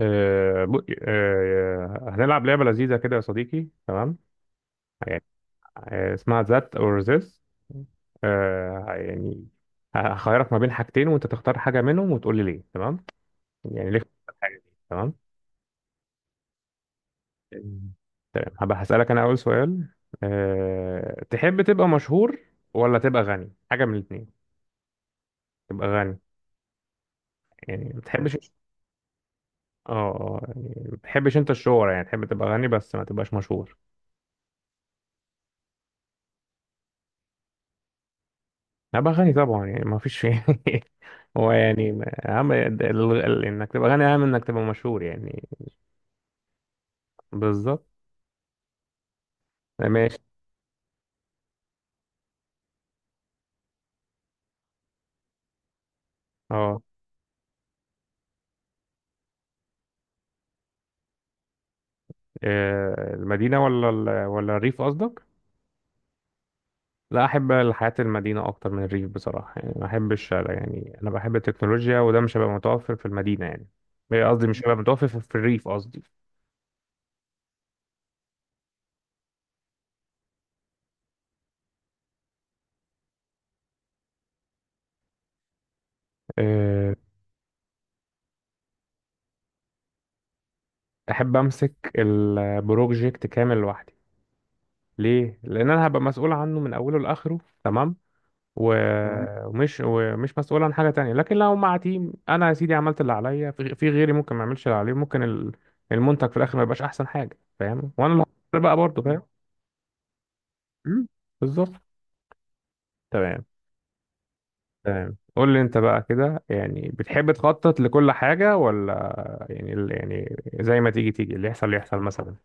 هنلعب لعبة لذيذة كده يا صديقي. تمام. اسمها ذات أو ذس، يعني هخيرك ما بين حاجتين وأنت تختار حاجة منهم وتقول لي ليه. تمام، يعني ليه اخترت الحاجة دي. تمام. مم. تمام، هبقى هسألك أنا أول سؤال. تحب تبقى مشهور ولا تبقى غني؟ حاجة من الاتنين. تبقى غني؟ يعني ما تحبش. اه، يعني ما تحبش أنت الشهرة، يعني تحب تبقى غني بس ما تبقاش مشهور. هبقى غني طبعا، يعني ما فيش فيه هو يعني اهم انك تبقى غني اهم من انك تبقى مشهور يعني. بالظبط. ماشي. اه، المدينة ولا ولا الريف قصدك. لا، احب الحياة المدينة اكتر من الريف بصراحة، يعني ما احبش، يعني انا بحب التكنولوجيا وده مش هيبقى متوفر في المدينة يعني. قصدي مش هيبقى متوفر في الريف قصدي. آه، احب امسك البروجكت كامل لوحدي. ليه؟ لان انا هبقى مسؤول عنه من اوله لاخره. تمام. تمام، ومش مسؤول عن حاجة تانية، لكن لو مع تيم أنا يا سيدي عملت اللي عليا، في غيري ممكن ما يعملش اللي عليه، ممكن المنتج في الآخر ما يبقاش أحسن حاجة، فاهم؟ وأنا اللي هخسر بقى برضه، فاهم؟ مم، بالظبط. تمام. تمام، قول لي أنت بقى، كده يعني بتحب تخطط لكل حاجة، ولا يعني يعني زي ما تيجي تيجي، اللي يحصل اللي يحصل مثلا.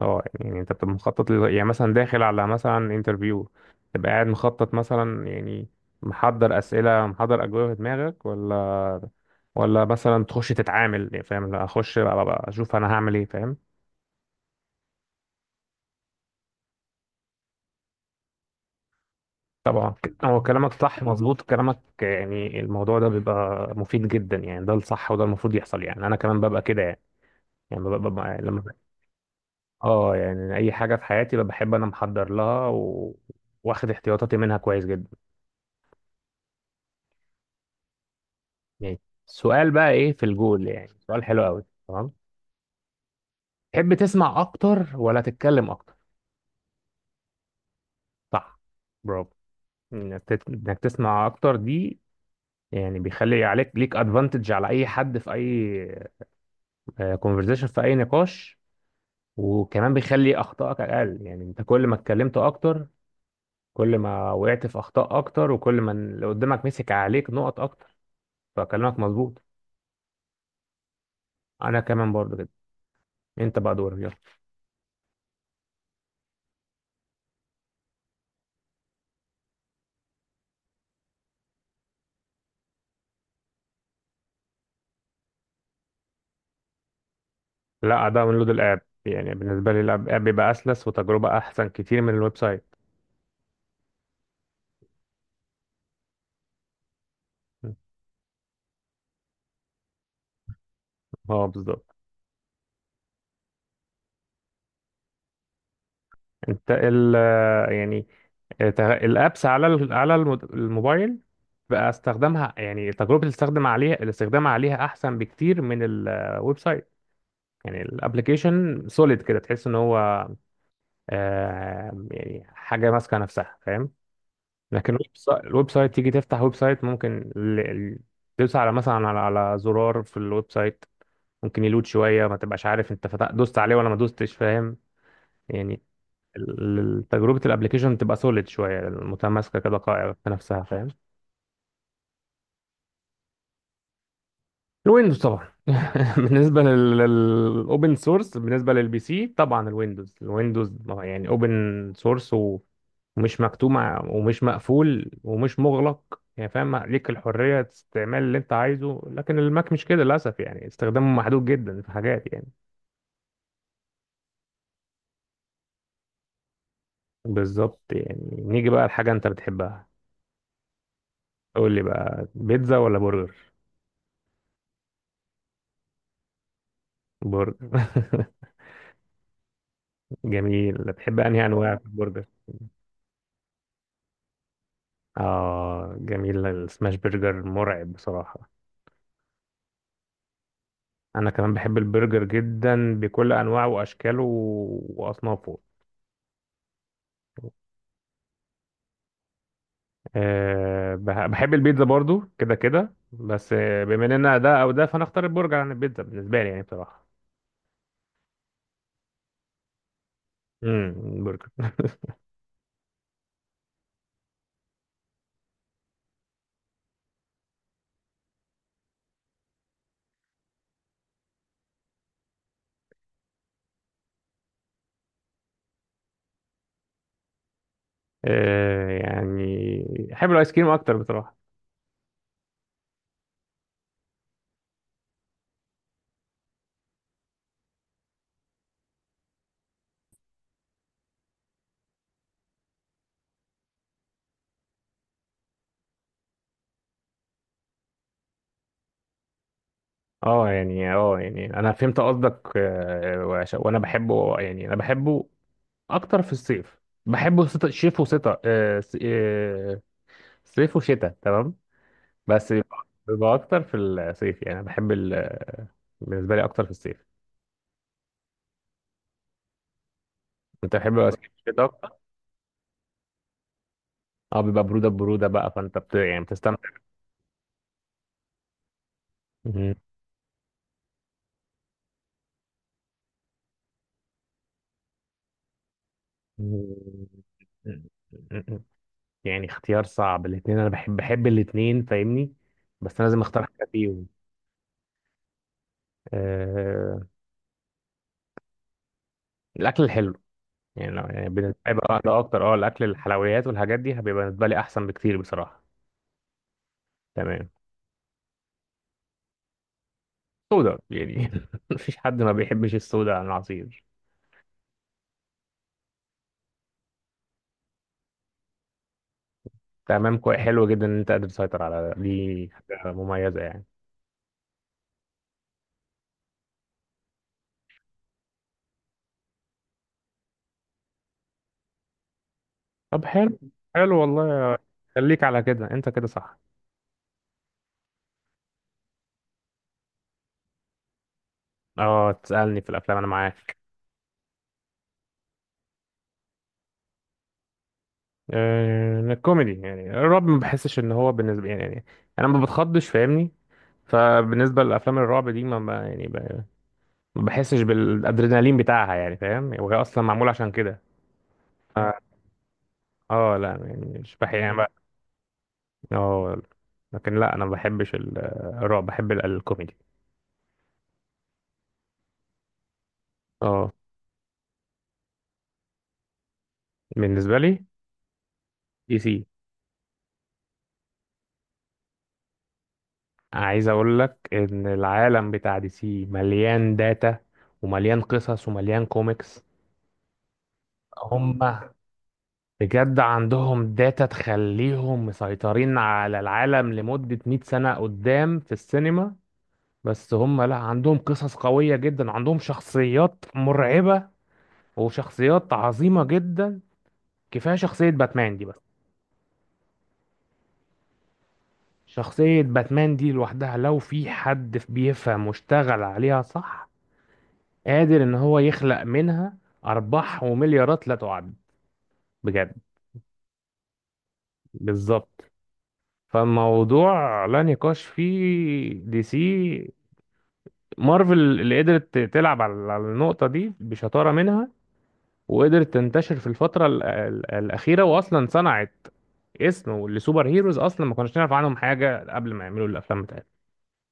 اه، يعني أنت بتبقى مخطط يعني مثلا داخل على مثلا انترفيو، تبقى قاعد مخطط مثلا، يعني محضر أسئلة، محضر أجوبة في دماغك، ولا ولا مثلا تخش تتعامل يعني، فاهم؟ لا اخش بقى بقى اشوف انا هعمل ايه، فاهم؟ طبعا، هو كلامك صح، مظبوط كلامك، يعني الموضوع ده بيبقى مفيد جدا، يعني ده الصح وده المفروض يحصل يعني، انا كمان ببقى كده يعني. يعني ببقى يعني لما اه، يعني اي حاجه في حياتي ببقى بحب انا محضر لها، و... واخد احتياطاتي منها كويس جدا. يعني السؤال بقى ايه في الجول، يعني سؤال حلو قوي. تمام. تحب تسمع اكتر ولا تتكلم اكتر؟ صح. برافو. إنك تسمع اكتر دي يعني بيخلي عليك، ليك ادفانتج على اي حد في اي كونفرزيشن، في اي نقاش. وكمان بيخلي اخطائك اقل، يعني انت كل ما اتكلمت اكتر كل ما وقعت في اخطاء اكتر، وكل ما اللي قدامك مسك عليك نقط اكتر. فكلامك مظبوط. انا كمان برضو كده. انت بقى دورك يلا. لا، ده من لود الاب، يعني بالنسبه لي الاب آب بيبقى اسلس وتجربه احسن كتير من الويب سايت. اه بالظبط. انت ال آه، يعني الابس على الموبايل بقى استخدامها، يعني تجربه الاستخدام عليها احسن بكتير من الويب سايت. يعني الابلكيشن سوليد كده، تحس ان هو يعني حاجه ماسكه نفسها، فاهم؟ لكن الويب سايت تيجي تفتح ويب سايت، ممكن تدوس على مثلا على زرار في الويب سايت، ممكن يلود شويه، ما تبقاش عارف انت فتح دوست عليه ولا ما دوستش، فاهم يعني؟ تجربه الابلكيشن تبقى سوليد شويه، متماسكه كده، قائمه في نفسها، فاهم؟ الويندوز طبعا. بالنسبه للاوبن سورس، بالنسبه للبي سي، طبعا الويندوز. يعني اوبن سورس ومش مكتوم، ومش مقفول ومش مغلق يعني، فاهم؟ ليك الحريه استعمال اللي انت عايزه، لكن الماك مش كده للاسف، يعني استخدامه محدود جدا في حاجات يعني. بالظبط. يعني نيجي بقى لحاجه انت بتحبها. قول لي بقى، بيتزا ولا برجر؟ برجر. جميل، بتحب انهي انواع في البرجر؟ اه جميل، السماش برجر مرعب بصراحه. انا كمان بحب البرجر جدا بكل انواعه واشكاله واصنافه. أه، بحب البيتزا برضو كده كده، بس بما اننا ده او ده، فانا اختار البرجر عن البيتزا بالنسبه لي يعني، بصراحه. البرجر. أه، يعني احب الايس كريم اكتر بصراحه. اه يعني، اه يعني انا فهمت قصدك، وانا بحبه، يعني انا بحبه اكتر في الصيف. بحبه شتا- شيف وشتاء، صيف وشتاء. تمام. بس بيبقى اكتر في الصيف، يعني انا بحب ال... بالنسبه لي اكتر في الصيف. انت بتحب بقى صيف الشتاء اكتر. اه بيبقى بروده، بقى فانت بت... يعني بتستمتع. مم. يعني اختيار صعب، الاثنين انا بحب الاثنين، فاهمني؟ بس انا لازم اختار حاجه فيهم. آه... الاكل الحلو. يعني لو يعني بالنسبه لي بقى، ده اكتر اه الاكل الحلويات والحاجات دي هيبقى بالنسبه لي احسن بكتير بصراحه. تمام. سودا يعني. مفيش حد ما بيحبش السودا عن العصير. تمام، كوي. حلو جدا ان انت قادر تسيطر على ده. دي حاجه مميزه يعني. طب حلو. حلو والله. خليك على كده، انت كده صح. اه تسالني في الافلام، انا معاك. الكوميدي. يعني الرعب ما بحسش ان هو بالنسبه يعني انا ما بتخضش، فاهمني؟ فبالنسبه للافلام الرعب دي ما بحسش بالادرينالين بتاعها يعني، فاهم؟ وهي اصلا معمول عشان كده. اه، لا يعني مش بحب يعني بقى. اه، لكن لا، انا ما بحبش الرعب، بحب الكوميدي. اه، بالنسبه لي دي سي. عايز اقول لك ان العالم بتاع دي سي مليان داتا، ومليان قصص، ومليان كوميكس. هم بجد عندهم داتا تخليهم مسيطرين على العالم لمدة 100 سنة قدام في السينما. بس هم، لا، عندهم قصص قوية جدا، عندهم شخصيات مرعبة وشخصيات عظيمة جدا. كفاية شخصية باتمان دي بس. شخصية باتمان دي لوحدها، لو في حد بيفهم واشتغل عليها صح، قادر ان هو يخلق منها ارباح ومليارات لا تعد، بجد. بالظبط. فالموضوع لا نقاش فيه، دي سي. مارفل اللي قدرت تلعب على النقطة دي بشطارة منها، وقدرت تنتشر في الفترة الأخيرة، وأصلا صنعت اسم لسوبر هيروز أصلا ما كناش نعرف عنهم حاجة قبل ما يعملوا الأفلام بتاعتهم.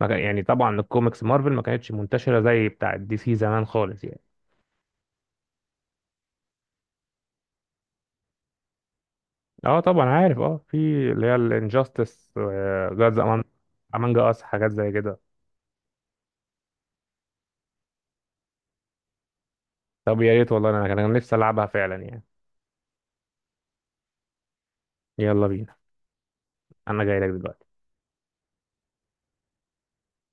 ما كان- يعني طبعا الكوميكس مارفل ما كانتش منتشرة زي بتاعة دي سي زمان خالص يعني. اه طبعا عارف، اه في اللي هي الانجاستس، جاد امانج، امانج اس، حاجات زي كده. طب يا ريت والله، انا كان أنا نفسي العبها فعلا يعني. يلا بينا، انا جاي لك دلوقتي.